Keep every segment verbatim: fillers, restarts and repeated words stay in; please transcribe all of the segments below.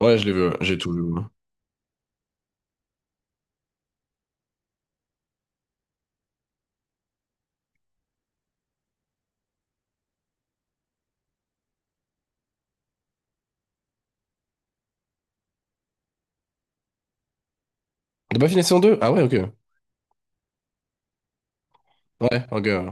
Ouais, je l'ai vu, ouais. J'ai tout vu, ouais. T'as pas fini la saison deux? Ah ouais, ok. Ouais, ok, ouais.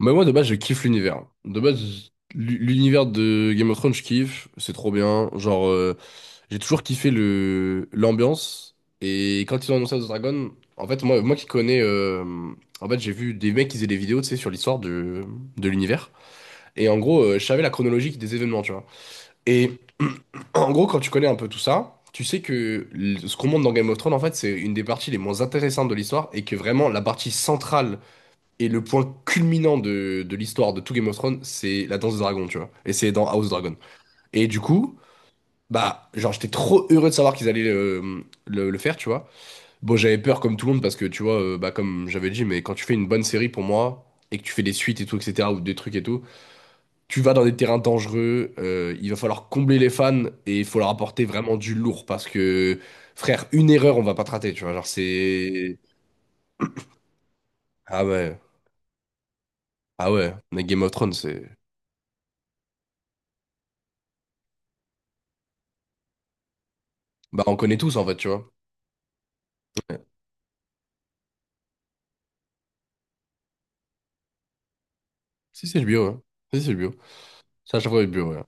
Mais moi, de base, je kiffe l'univers. De base, l'u- l'univers de Game of Thrones, je kiffe. C'est trop bien. Genre, euh, j'ai toujours kiffé le l'ambiance. Et quand ils ont annoncé House of Dragon, en fait, moi, moi qui connais. Euh, en fait, j'ai vu des mecs qui faisaient des vidéos, tu sais, sur l'histoire de, de l'univers. Et en gros, euh, je savais la chronologie des événements, tu vois. Et en gros, quand tu connais un peu tout ça, tu sais que l- ce qu'on montre dans Game of Thrones, en fait, c'est une des parties les moins intéressantes de l'histoire, et que vraiment la partie centrale et le point culminant de, de l'histoire de tout Game of Thrones, c'est la danse des dragons, tu vois. Et c'est dans House Dragon. Et du coup, bah, genre, j'étais trop heureux de savoir qu'ils allaient le, le- le faire, tu vois. Bon, j'avais peur comme tout le monde parce que, tu vois, euh, bah, comme j'avais dit, mais quand tu fais une bonne série pour moi et que tu fais des suites et tout, et cetera, ou des trucs et tout. Tu vas dans des terrains dangereux, euh, il va falloir combler les fans, et il faut leur apporter vraiment du lourd, parce que, frère, une erreur, on va pas te rater, tu vois. Genre, c'est. Ah ouais, ah ouais, mais Game of Thrones, c'est. Bah, on connaît tous en fait, tu vois. Ouais. Si, c'est le bio, ouais. Si, c'est le bio. C'est à chaque fois le bio, ouais.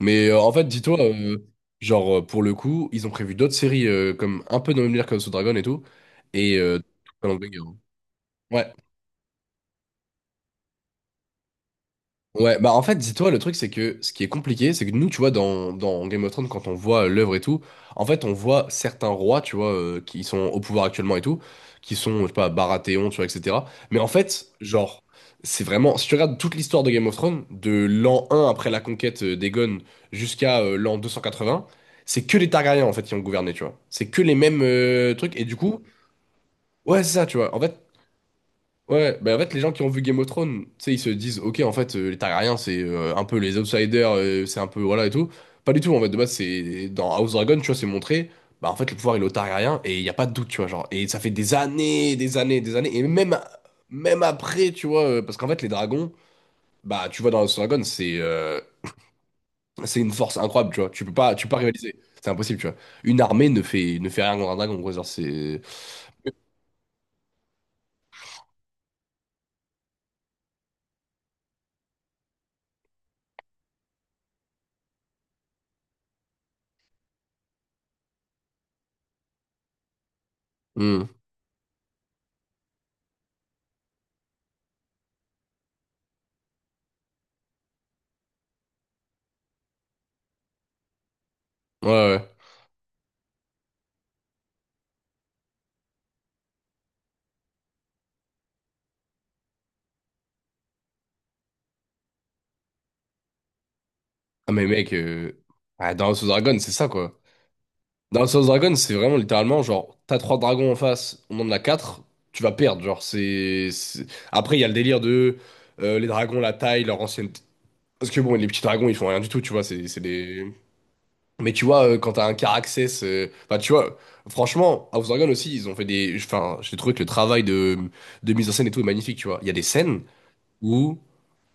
Mais euh, en fait, dis-toi, euh, genre, euh, pour le coup, ils ont prévu d'autres séries euh, comme un peu dans le même délire comme sous Dragon et tout. Et. euh, Solo Leveling, hein. Ouais. Ouais, bah en fait, dis-toi, le truc, c'est que ce qui est compliqué, c'est que nous, tu vois, dans, dans Game of Thrones, quand on voit euh, l'œuvre et tout, en fait, on voit certains rois, tu vois, euh, qui sont au pouvoir actuellement et tout, qui sont, je sais pas, Baratheon, tu vois, et cetera. Mais en fait, genre, c'est vraiment, si tu regardes toute l'histoire de Game of Thrones, de l'an un après la conquête euh, d'Aegon jusqu'à euh, l'an deux cent quatre-vingts, c'est que les Targaryens, en fait, qui ont gouverné, tu vois. C'est que les mêmes euh, trucs, et du coup, ouais, c'est ça, tu vois. En fait, ouais, bah en fait, les gens qui ont vu Game of Thrones, tu sais, ils se disent, ok, en fait, euh, les Targaryens, c'est euh, un peu les outsiders, euh, c'est un peu, voilà, et tout. Pas du tout, en fait, de base, c'est dans House Dragon, tu vois, c'est montré, bah en fait, le pouvoir, il est aux Targaryens, et il n'y a pas de doute, tu vois, genre, et ça fait des années, des années, des années, et même, même après, tu vois, euh, parce qu'en fait, les dragons, bah, tu vois, dans House Dragon, c'est euh, c'est une force incroyable, tu vois, tu peux pas, tu peux pas rivaliser, c'est impossible, tu vois. Une armée ne fait, ne fait rien contre un dragon, gros, genre, c'est... Hmm. Ouais, ouais. Ah, mais mec, euh, ah, dans House of Dragon, c'est ça, quoi. Dans House of Dragon, c'est vraiment littéralement, genre, t'as trois dragons en face, on en a quatre, tu vas perdre. Genre, c'est. c'est- Après, il y a le délire de euh, les dragons, la taille, leur ancienne. Parce que bon, les petits dragons, ils font rien du tout, tu vois, c'est c'est des. Mais tu vois, euh, quand t'as un Caraxès. euh, Enfin, tu vois, franchement, House of Dragon aussi, ils ont fait des. Enfin, j'ai trouvé que le travail de... de mise en scène et tout est magnifique, tu vois. Il y a des scènes où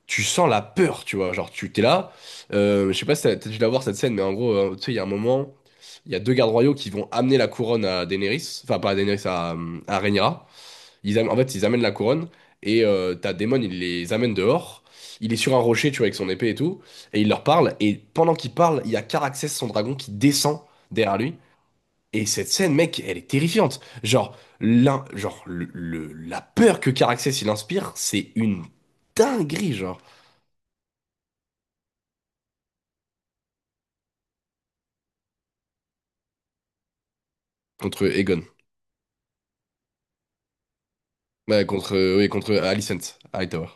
tu sens la peur, tu vois. Genre, tu t'es là. Euh, je sais pas si t'as t'as dû la voir cette scène, mais en gros, euh, tu sais, il y a un moment, il y a deux gardes royaux qui vont amener la couronne à Daenerys, enfin, pas à Daenerys, à, euh, à Rhaenyra. Ils am- en fait, ils amènent la couronne, et euh, t'as Daemon, il les amène dehors. Il est sur un rocher, tu vois, avec son épée et tout, et il leur parle. Et pendant qu'il parle, il y a Caraxès, son dragon, qui descend derrière lui. Et cette scène, mec, elle est terrifiante. Genre, l'un, genre le- le- la peur que Caraxès il inspire, c'est une dinguerie, genre. Contre Egon. Ouais, contre, euh, oui, contre Alicent, Hightower.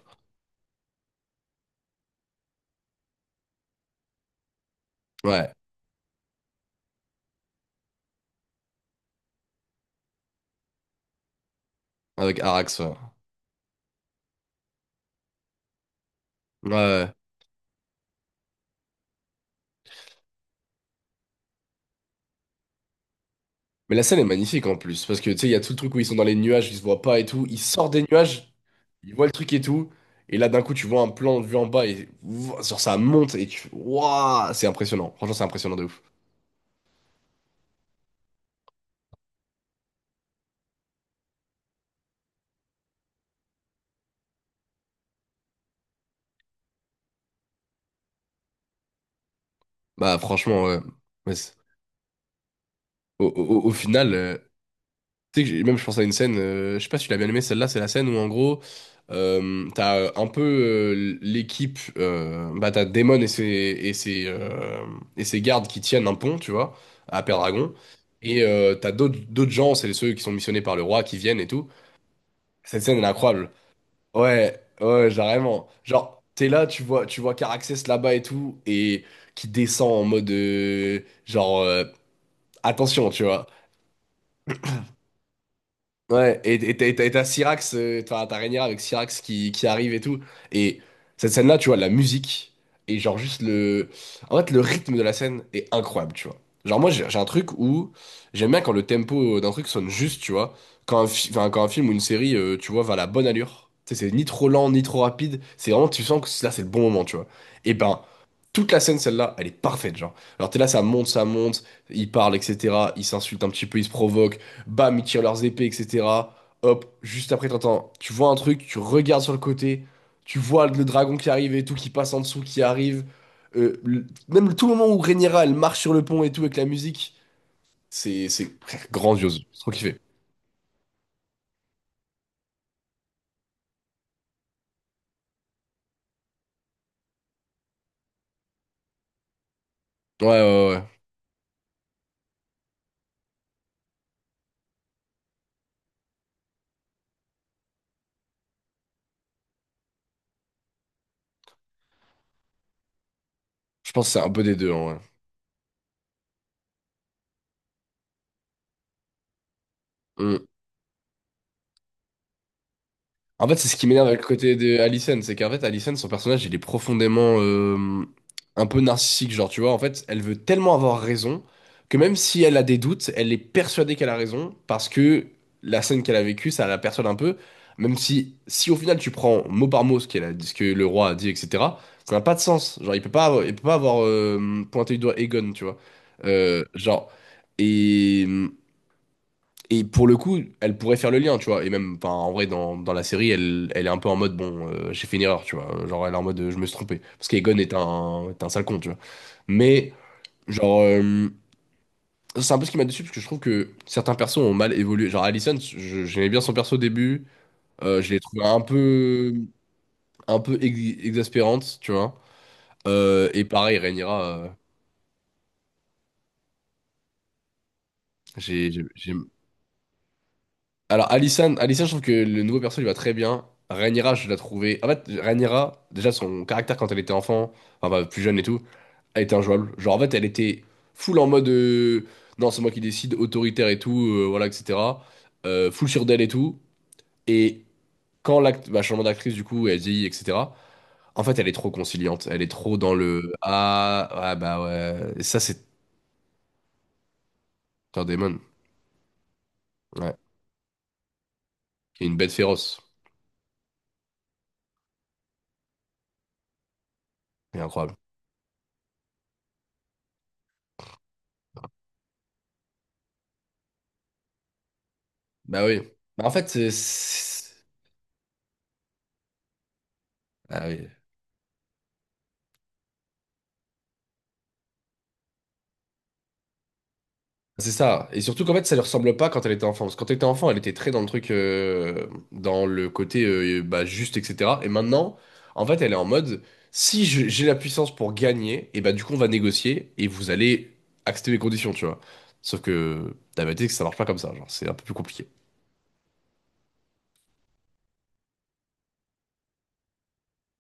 Ouais, avec Arax. Ouais. Ouais. Mais la scène est magnifique en plus, parce que tu sais, il y a tout le truc où ils sont dans les nuages, ils se voient pas et tout. Ils sortent des nuages, ils voient le truc et tout. Et là, d'un coup, tu vois un plan de vue en bas et ouah, sur ça monte et tu. Waouh! C'est impressionnant. Franchement, c'est impressionnant de ouf. Bah, franchement, ouais. Ouais, c'est- au, au- au- au final. euh, Tu sais, que j'ai- même je pense à une scène, euh, je sais pas si tu l'as bien aimé, celle-là, c'est la scène où en gros, euh, t'as euh, un peu euh, l'équipe, euh, bah t'as Daemon et ses, et ses, euh, et ses gardes qui tiennent un pont, tu vois, à Pendragon, et euh, t'as d'autres d'autres gens, c'est ceux qui sont missionnés par le roi qui viennent et tout. Cette scène, elle est incroyable. Ouais, ouais, carrément. Genre, t'es là, tu vois, tu vois Caraxès là-bas et tout, et qui descend en mode, euh, genre, euh, attention, tu vois. Ouais, et et- t'as et- t'as- et t'as Syrax, euh, t'as t'as Rhaenyra avec Syrax qui, qui arrive et tout. Et cette scène-là, tu vois, la musique et genre juste le... En fait, le rythme de la scène est incroyable, tu vois. Genre moi, j'ai j'ai un truc où j'aime bien quand le tempo d'un truc sonne juste, tu vois. Quand un, fi- enfin, quand un film ou une série, euh, tu vois, va à la bonne allure. Tu sais, c'est ni trop lent, ni trop rapide. C'est vraiment, tu sens que là, c'est le bon moment, tu vois. Et ben, toute la scène, celle-là, elle est parfaite, genre. Alors t'es là, ça monte, ça monte, ils parlent, et cetera. Ils s'insultent un petit peu, ils se provoquent. Bam, ils tirent leurs épées, et cetera. Hop, juste après, t'entends, tu vois un truc, tu regardes sur le côté, tu vois le dragon qui arrive et tout, qui passe en dessous, qui arrive. Euh, le- même tout le moment où Rhaenyra, elle marche sur le pont et tout avec la musique, c'est c'est frère, grandiose. C'est trop kiffé. Ouais, ouais, ouais, ouais. Je pense que c'est un peu des deux, en vrai. Mm. En fait, c'est ce qui m'énerve avec le côté de Allison, c'est qu'en fait, Allison, son personnage, il est profondément euh, un peu narcissique, genre, tu vois, en fait, elle veut tellement avoir raison que même si elle a des doutes, elle est persuadée qu'elle a raison, parce que la scène qu'elle a vécue, ça la persuade un peu, même si, si au final tu prends mot par mot ce qu'elle a dit, ce que le roi a dit, et cetera, ça n'a pas de sens, genre, il peut pas, avoir- il peut pas avoir euh, pointé du doigt Aegon, tu vois. Euh, genre, et et pour le coup, elle pourrait faire le lien, tu vois. Et même, enfin, en vrai, dans, dans la série, elle, elle est un peu en mode, bon, euh, j'ai fait une erreur, tu vois. Genre, elle est en mode, euh, je me suis trompé. Parce qu'Egon est un, est un sale con, tu vois. Mais, genre, euh, c'est un peu ce qui m'a déçu, parce que je trouve que certains persos ont mal évolué. Genre, Allison je- j'aimais bien son perso au début. Euh, je l'ai trouvé un peu, un peu ex- exaspérante, tu vois. Euh, et pareil, Rhaenyra, euh, j'ai j'ai- j'ai- alors, Alisson, Alisson, je trouve que le nouveau perso il va très bien. Rhaenyra, je l'ai trouvé. En fait, Rhaenyra, déjà son caractère quand elle était enfant, enfin bah, plus jeune et tout, elle était injouable. Genre, en fait, elle était full en mode euh, non, c'est moi qui décide, autoritaire et tout, euh, voilà, et cetera. Euh, full sur d'elle et tout. Et quand l'acte, bah, changement d'actrice, du coup, elle vieillit, et cetera. En fait, elle est trop conciliante. Elle est trop dans le ah, ah bah ouais. Et ça, c'est un démon. Ouais. Et une bête féroce. C'est incroyable. Bah oui. Bah, en fait, c'est. C'est- Ah oui. C'est ça. Et surtout qu'en fait, ça lui ressemble pas quand elle était enfant. Parce que quand elle était enfant, elle était très dans le truc, euh, dans le côté euh, bah, juste, et cetera. Et maintenant, en fait, elle est en mode, si je- j'ai la puissance pour gagner, et bah du coup, on va négocier, et vous allez accepter mes conditions, tu vois. Sauf que t'as bien dit que ça marche pas comme ça. Genre, c'est un peu plus compliqué.